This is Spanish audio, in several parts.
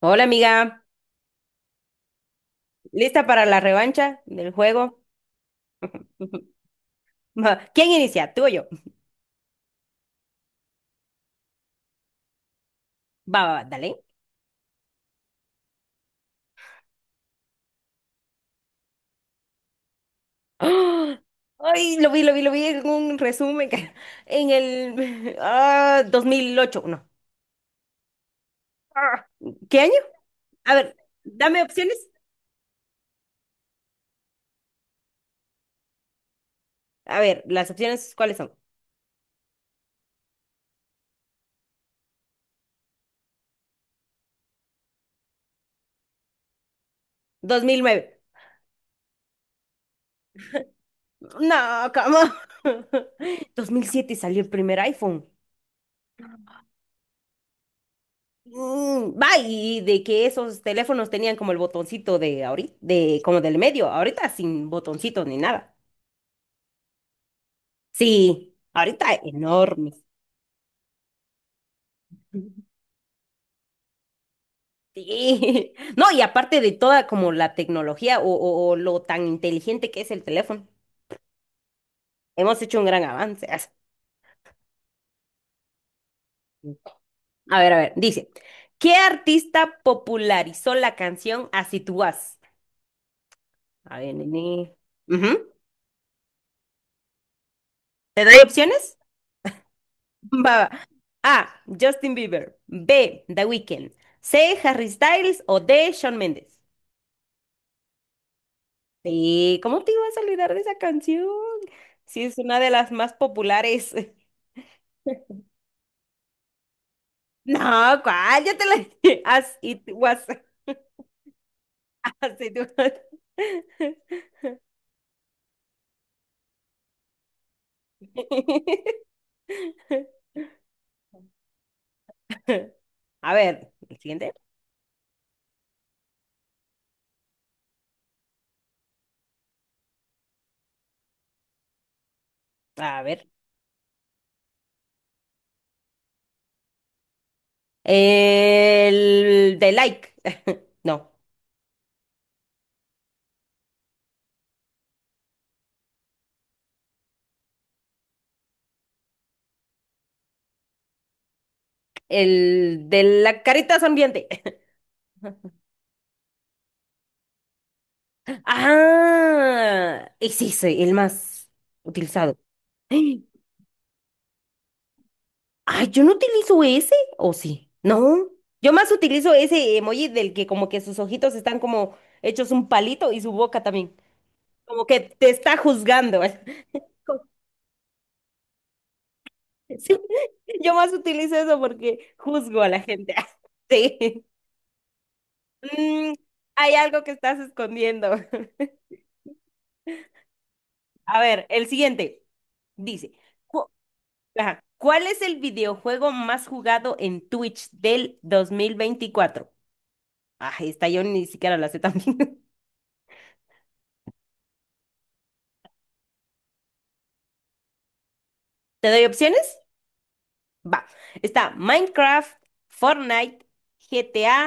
Hola amiga, ¿lista para la revancha del juego? ¿Quién inicia? ¿Tú o yo? Va, va, va, dale. ¡Ah! Ay, lo vi en un resumen en el 2008. No. Ah, ¿qué año? A ver, dame opciones. A ver, las opciones, ¿cuáles son? 2009. No, ¿cómo? 2007 salió el primer iPhone. Va, y de que esos teléfonos tenían como el botoncito de ahorita, de como del medio, ahorita sin botoncito ni nada. Sí, ahorita enormes. Sí. No, y aparte de toda como la tecnología o lo tan inteligente que es el teléfono, hemos hecho un gran avance. A ver, dice, ¿qué artista popularizó la canción Así tú vas? A ver, nene. Ujú. ¿Te doy opciones? Va. A. Justin Bieber. B. The Weeknd. C. Harry Styles o D. Shawn Mendes. Sí, ¿cómo te ibas a olvidar de esa canción? Sí, es una de las más populares. No, ¿cuál? Ya te la dije. As it was. As it was. A ver, el siguiente. A ver. El de like. No, el de la carita sonriente. Ah, es ese, el más utilizado. Ay, ay, yo no utilizo ese, ¿o sí? No. Yo más utilizo ese emoji del que como que sus ojitos están como hechos un palito y su boca también. Como que te está juzgando. Como- Sí, yo más utilizo eso porque juzgo a la gente. Sí. Mm, Hay algo que estás escondiendo. A ver, el siguiente dice, "Cu- Ajá. ¿Cuál es el videojuego más jugado en Twitch del 2024? Ah, esta yo ni siquiera la sé también. ¿Te doy opciones? Va. Está Minecraft, Fortnite, GTA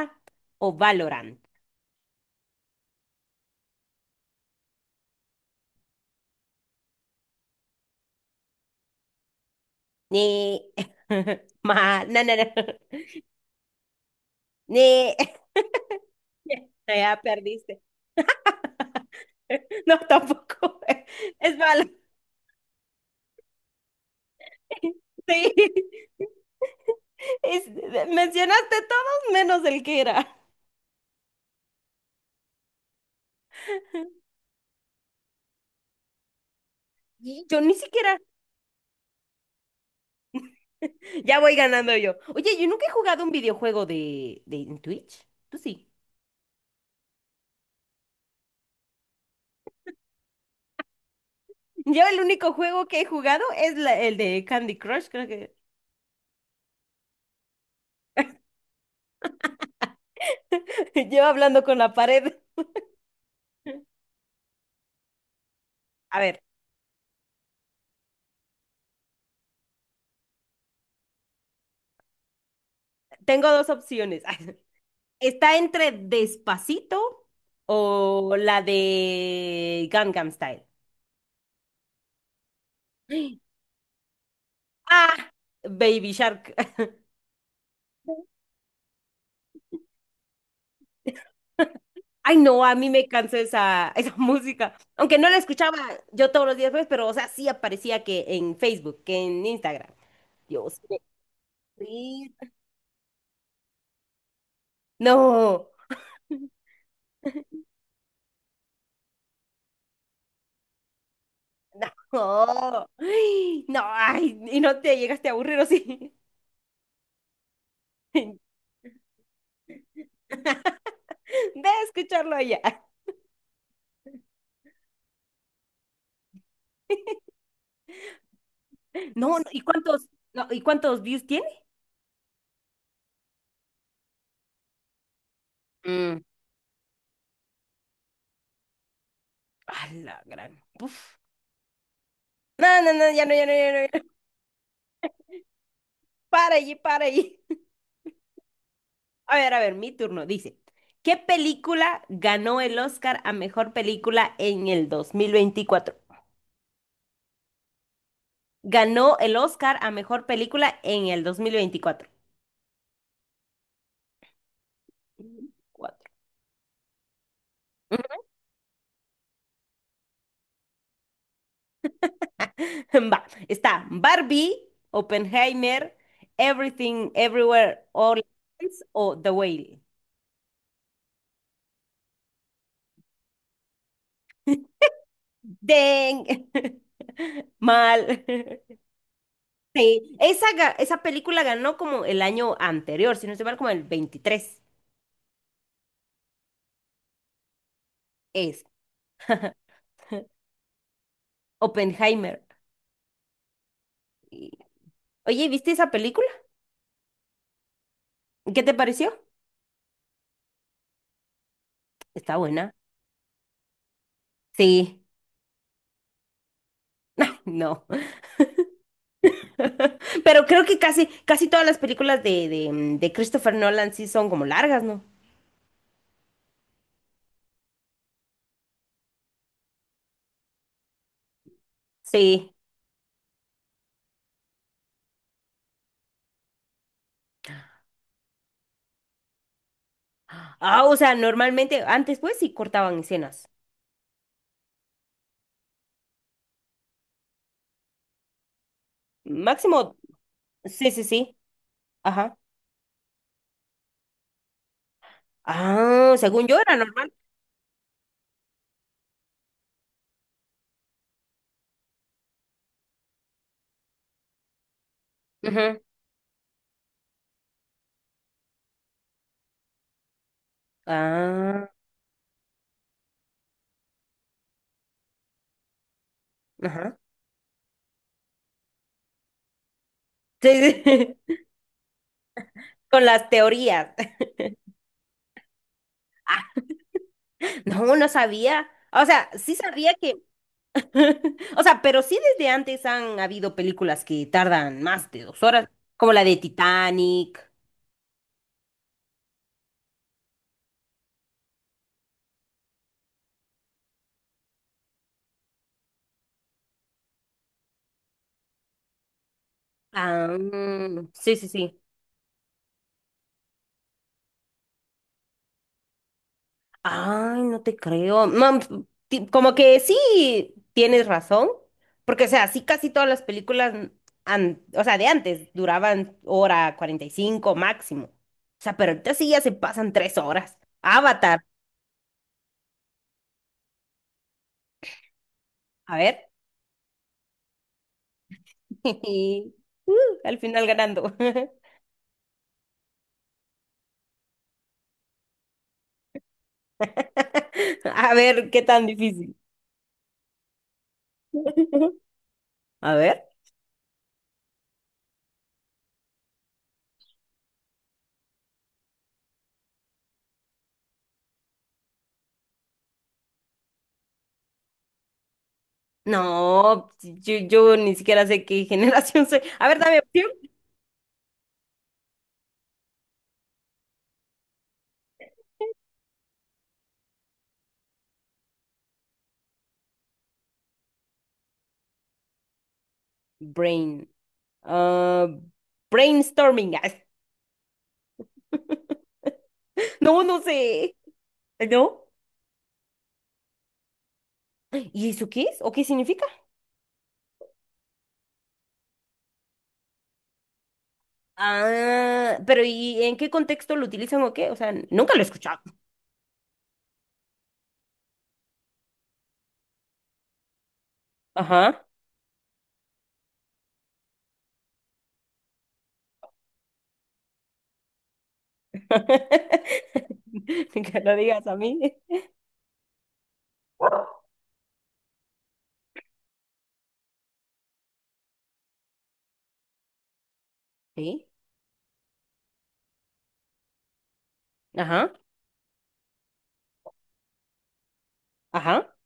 o Valorant. Ni. No, no, no. Ni. Ya perdiste. No, tampoco. Es Valorant. Sí. Es- Mencionaste todos menos el que era. Y yo ni siquiera. Ya voy ganando yo. Oye, yo nunca he jugado un videojuego de en Twitch. Tú sí. Yo el único juego que he jugado es el de Candy Crush, creo que. Llevo hablando con la pared. A ver, tengo dos opciones. Está entre Despacito o la de Gangnam Style. Ah, Baby Shark. Ay, no, a mí me cansó esa, esa música. Aunque no la escuchaba yo todos los días, pues, pero, o sea, sí aparecía que en Facebook, que en Instagram. Dios. Sí. No, no, ay, no, ay, y no te llegaste a aburrir, ¿o sí? De escucharlo allá. No, no, ¿y cuántos views tiene? Mm, a la gran. Uf. No, no, no, ya no, ya no, ya no, ya no. Para allí, para allí. A ver, mi turno. Dice, ¿qué película ganó el Oscar a mejor película en el 2024? Ganó el Oscar a mejor película en el 2024. Cuatro. Va, está Barbie, Oppenheimer, Everything, Everywhere, All at Once o The Whale. ¡Deng! Mal. Sí, esa, esa película ganó como el año anterior, si no estoy mal, como el 23. Es Oppenheimer. Y- Oye, ¿viste esa película? ¿Qué te pareció? Está buena. Sí, no. Pero creo que casi, casi todas las películas de Christopher Nolan sí son como largas, ¿no? Sí. Ah, o sea, normalmente antes pues sí cortaban escenas. Máximo, sí, sí, sí. Ajá. Ah, según yo era normal. Ujú. Ah, ajá. Sí, sí. Con las teorías. No, no sabía. O sea, sí sabía que. O sea, pero sí desde antes han habido películas que tardan más de 2 horas, como la de Titanic. Ah, sí, sí, sí. Ay, no te creo. Como que sí tienes razón, porque o sea, sí casi todas las películas, o sea, de antes duraban hora 45 máximo. O sea, pero ahorita sí ya se pasan 3 horas. Avatar, a ver. Uh, Al final ganando. A ver, qué tan difícil. A ver. No, yo ni siquiera sé qué generación soy. A ver, dame opción. Brain. ah, Brainstorming. No, no sé. ¿No? ¿Y eso qué es? ¿O qué significa? Ah, pero ¿y en qué contexto lo utilizan o qué? O sea, nunca lo he escuchado. Ajá. Que lo digas a mí. Sí. Ajá. Ajá.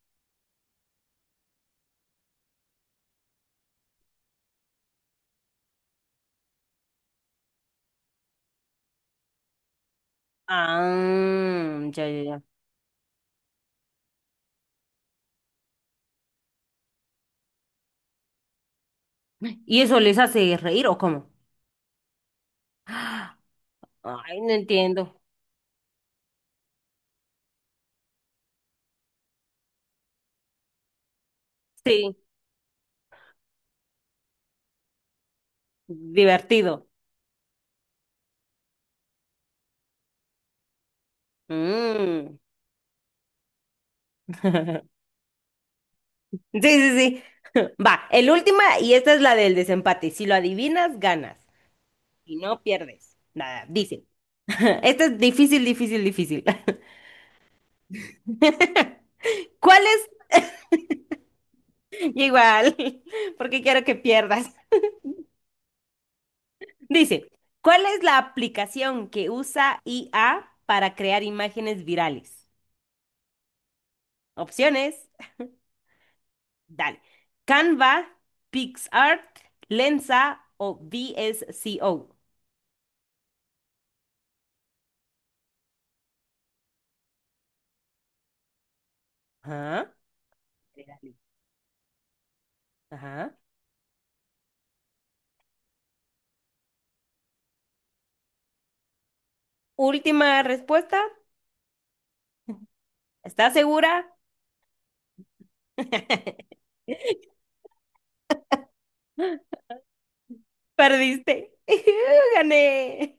Ah, ya, ya, ya. ¿Y eso les hace reír o cómo? Ay, no entiendo. Sí, divertido. Mm. Sí, sí, sí. Va, el última y esta es la del desempate. Si lo adivinas, ganas. Si no, pierdes. Nada, dice. Esta es difícil, difícil, difícil. ¿Cuál es? Igual, porque quiero que pierdas. Dice, ¿cuál es la aplicación que usa IA para crear imágenes virales? Opciones, dale. Canva, PixArt, Lensa o VSCO. Ajá. Ajá. Última respuesta. ¿Estás segura? Perdiste. Gané.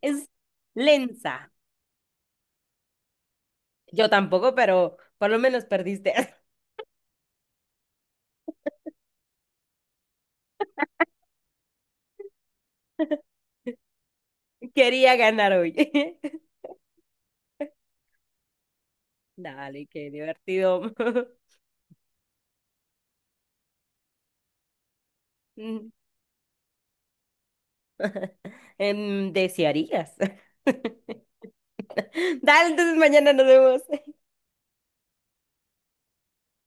Es Lenza. Yo tampoco, pero por lo menos perdiste. Quería ganar hoy. Dale, qué divertido. Desearías. Dale, entonces mañana nos vemos.